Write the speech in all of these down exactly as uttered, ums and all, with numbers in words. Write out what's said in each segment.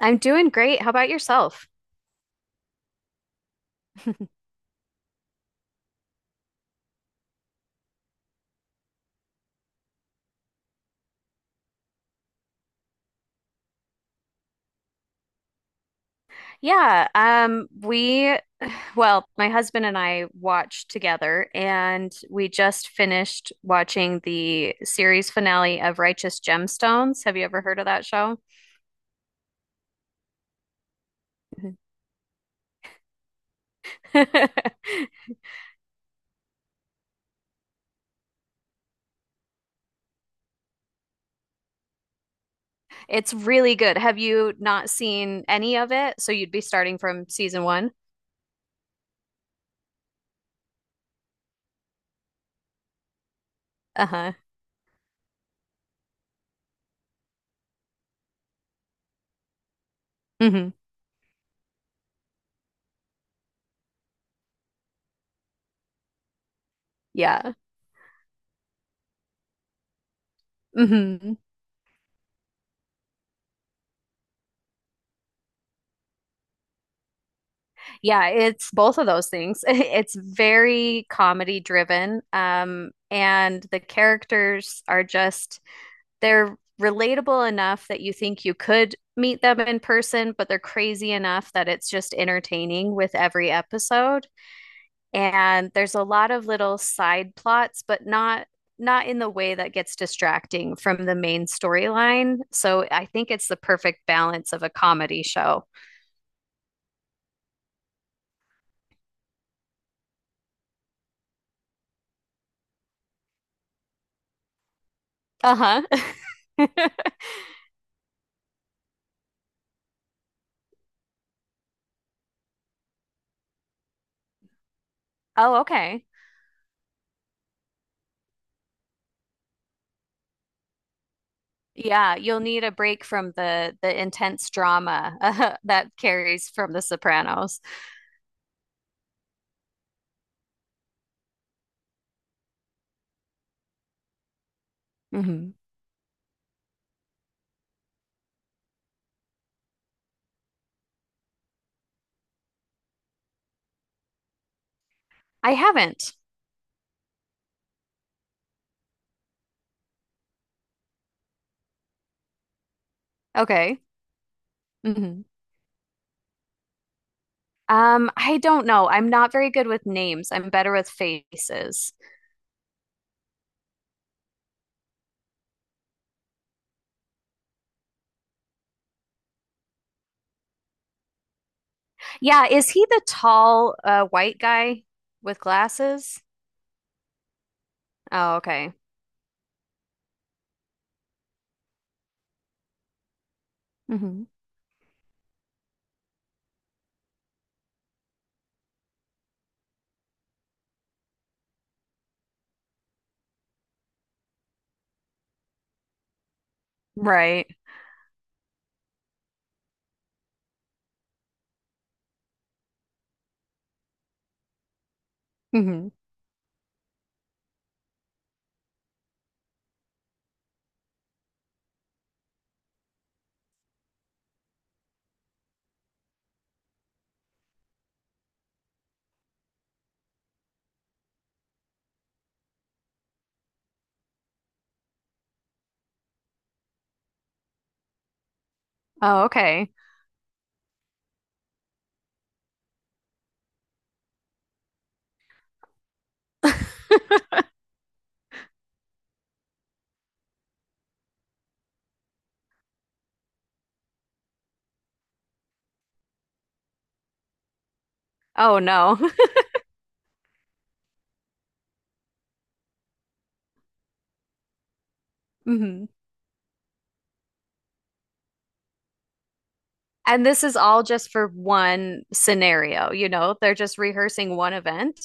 I'm doing great. How about yourself? Yeah, um, we, well, my husband and I watched together, and we just finished watching the series finale of Righteous Gemstones. Have you ever heard of that show? Mhm. It's really good. Have you not seen any of it? So you'd be starting from season one? Uh-huh. Hmm. Yeah. Hmm. Yeah, it's both of those things. It's very comedy driven, um, and the characters are just they're relatable enough that you think you could meet them in person, but they're crazy enough that it's just entertaining with every episode. And there's a lot of little side plots, but not, not in the way that gets distracting from the main storyline. So I think it's the perfect balance of a comedy show. Uh-huh. Oh, okay. Yeah, you'll need a break from the the intense drama uh, that carries from The Sopranos. Hmm. I haven't. Okay. Hmm. Um, I don't know. I'm not very good with names. I'm better with faces. Yeah, is he the tall uh, white guy with glasses? Oh, okay. Hmm. Right. Hmm. Oh, okay. Oh no. Hmm. And this is all just for one scenario, you know? They're just rehearsing one event.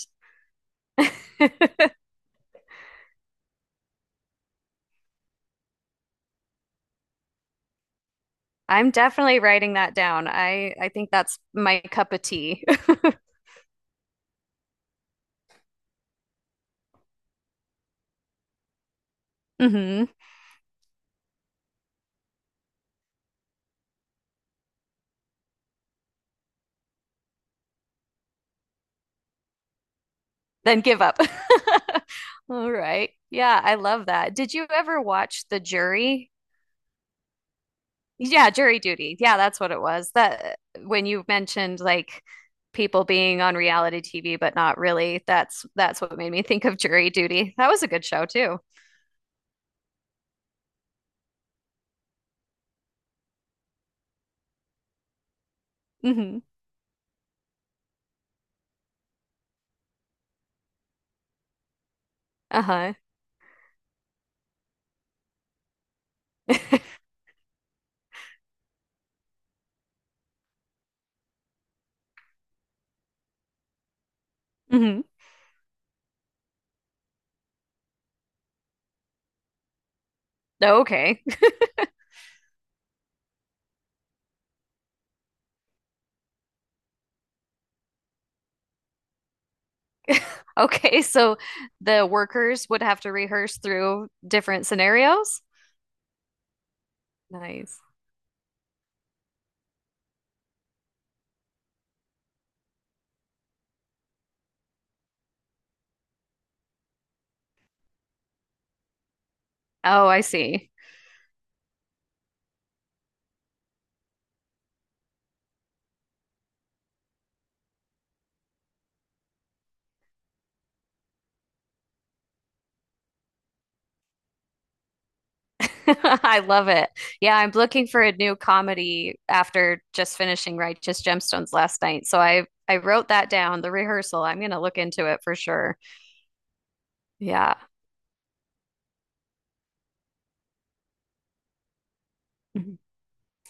I'm definitely writing that down. I I think that's my cup of tea. Hmm. Then give up. All right. Yeah, I love that. Did you ever watch The Jury? Yeah, Jury Duty. Yeah, that's what it was. That, when you mentioned like people being on reality T V but not really, that's that's what made me think of Jury Duty. That was a good show too. Hmm. Uh-huh. Hmm. Okay. Okay, so the workers would have to rehearse through different scenarios? Nice. Oh, I see. I love it. Yeah, I'm looking for a new comedy after just finishing Righteous Gemstones last night. So I I wrote that down, the rehearsal. I'm going to look into it for sure. Yeah. Mhm.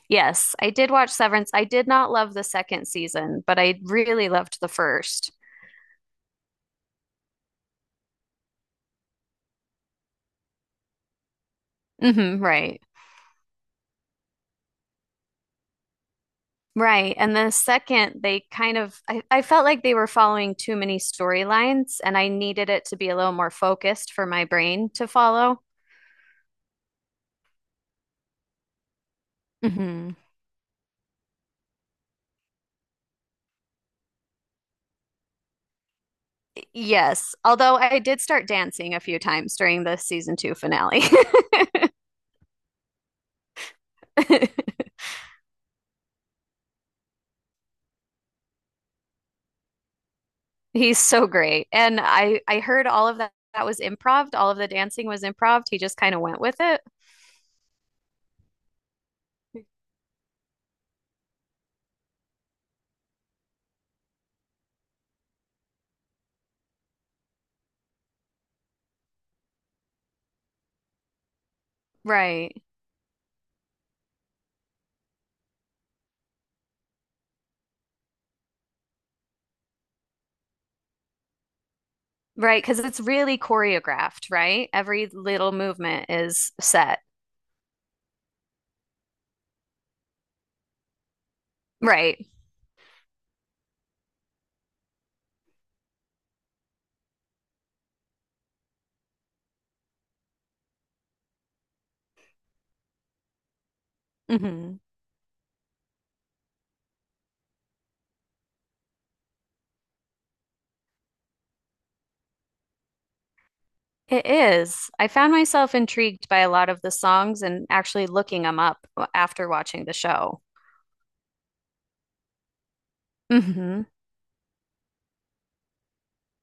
Yes, I did watch Severance. I did not love the second season, but I really loved the first. Mm-hmm, right. Right. And the second, they kind of, I, I felt like they were following too many storylines, and I needed it to be a little more focused for my brain to follow. Hmm. Yes. Although I did start dancing a few times during the season two finale. He's so great. And I I heard all of that that was improv. All of the dancing was improv. He just kind of went with it. Right. Right, because it's really choreographed, right? Every little movement is set. Right. Hmm. It is. I found myself intrigued by a lot of the songs and actually looking them up after watching the show. Hmm.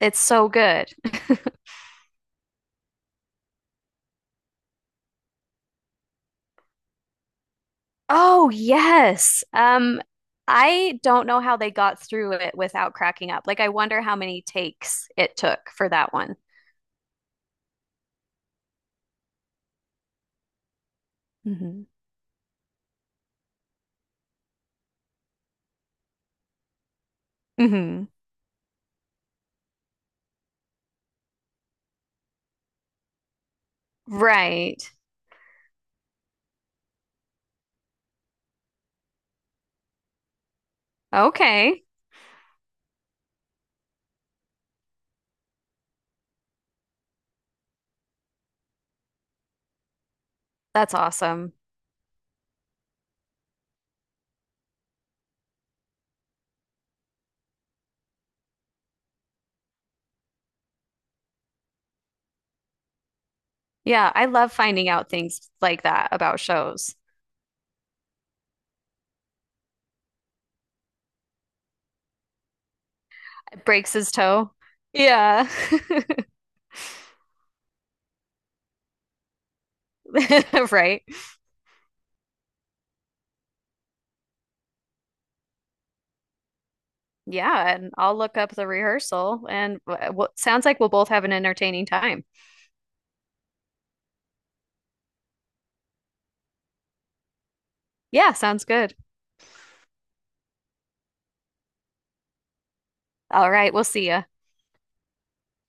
It's so good. Oh, yes. Um, I don't know how they got through it without cracking up. Like, I wonder how many takes it took for that one. Hmm. Hmm. Right. Okay. That's awesome. Yeah, I love finding out things like that about shows. Breaks his toe. Yeah. Right. Yeah, and I'll look up the rehearsal and w w- sounds like we'll both have an entertaining time. Yeah, sounds good. All right, we'll see ya.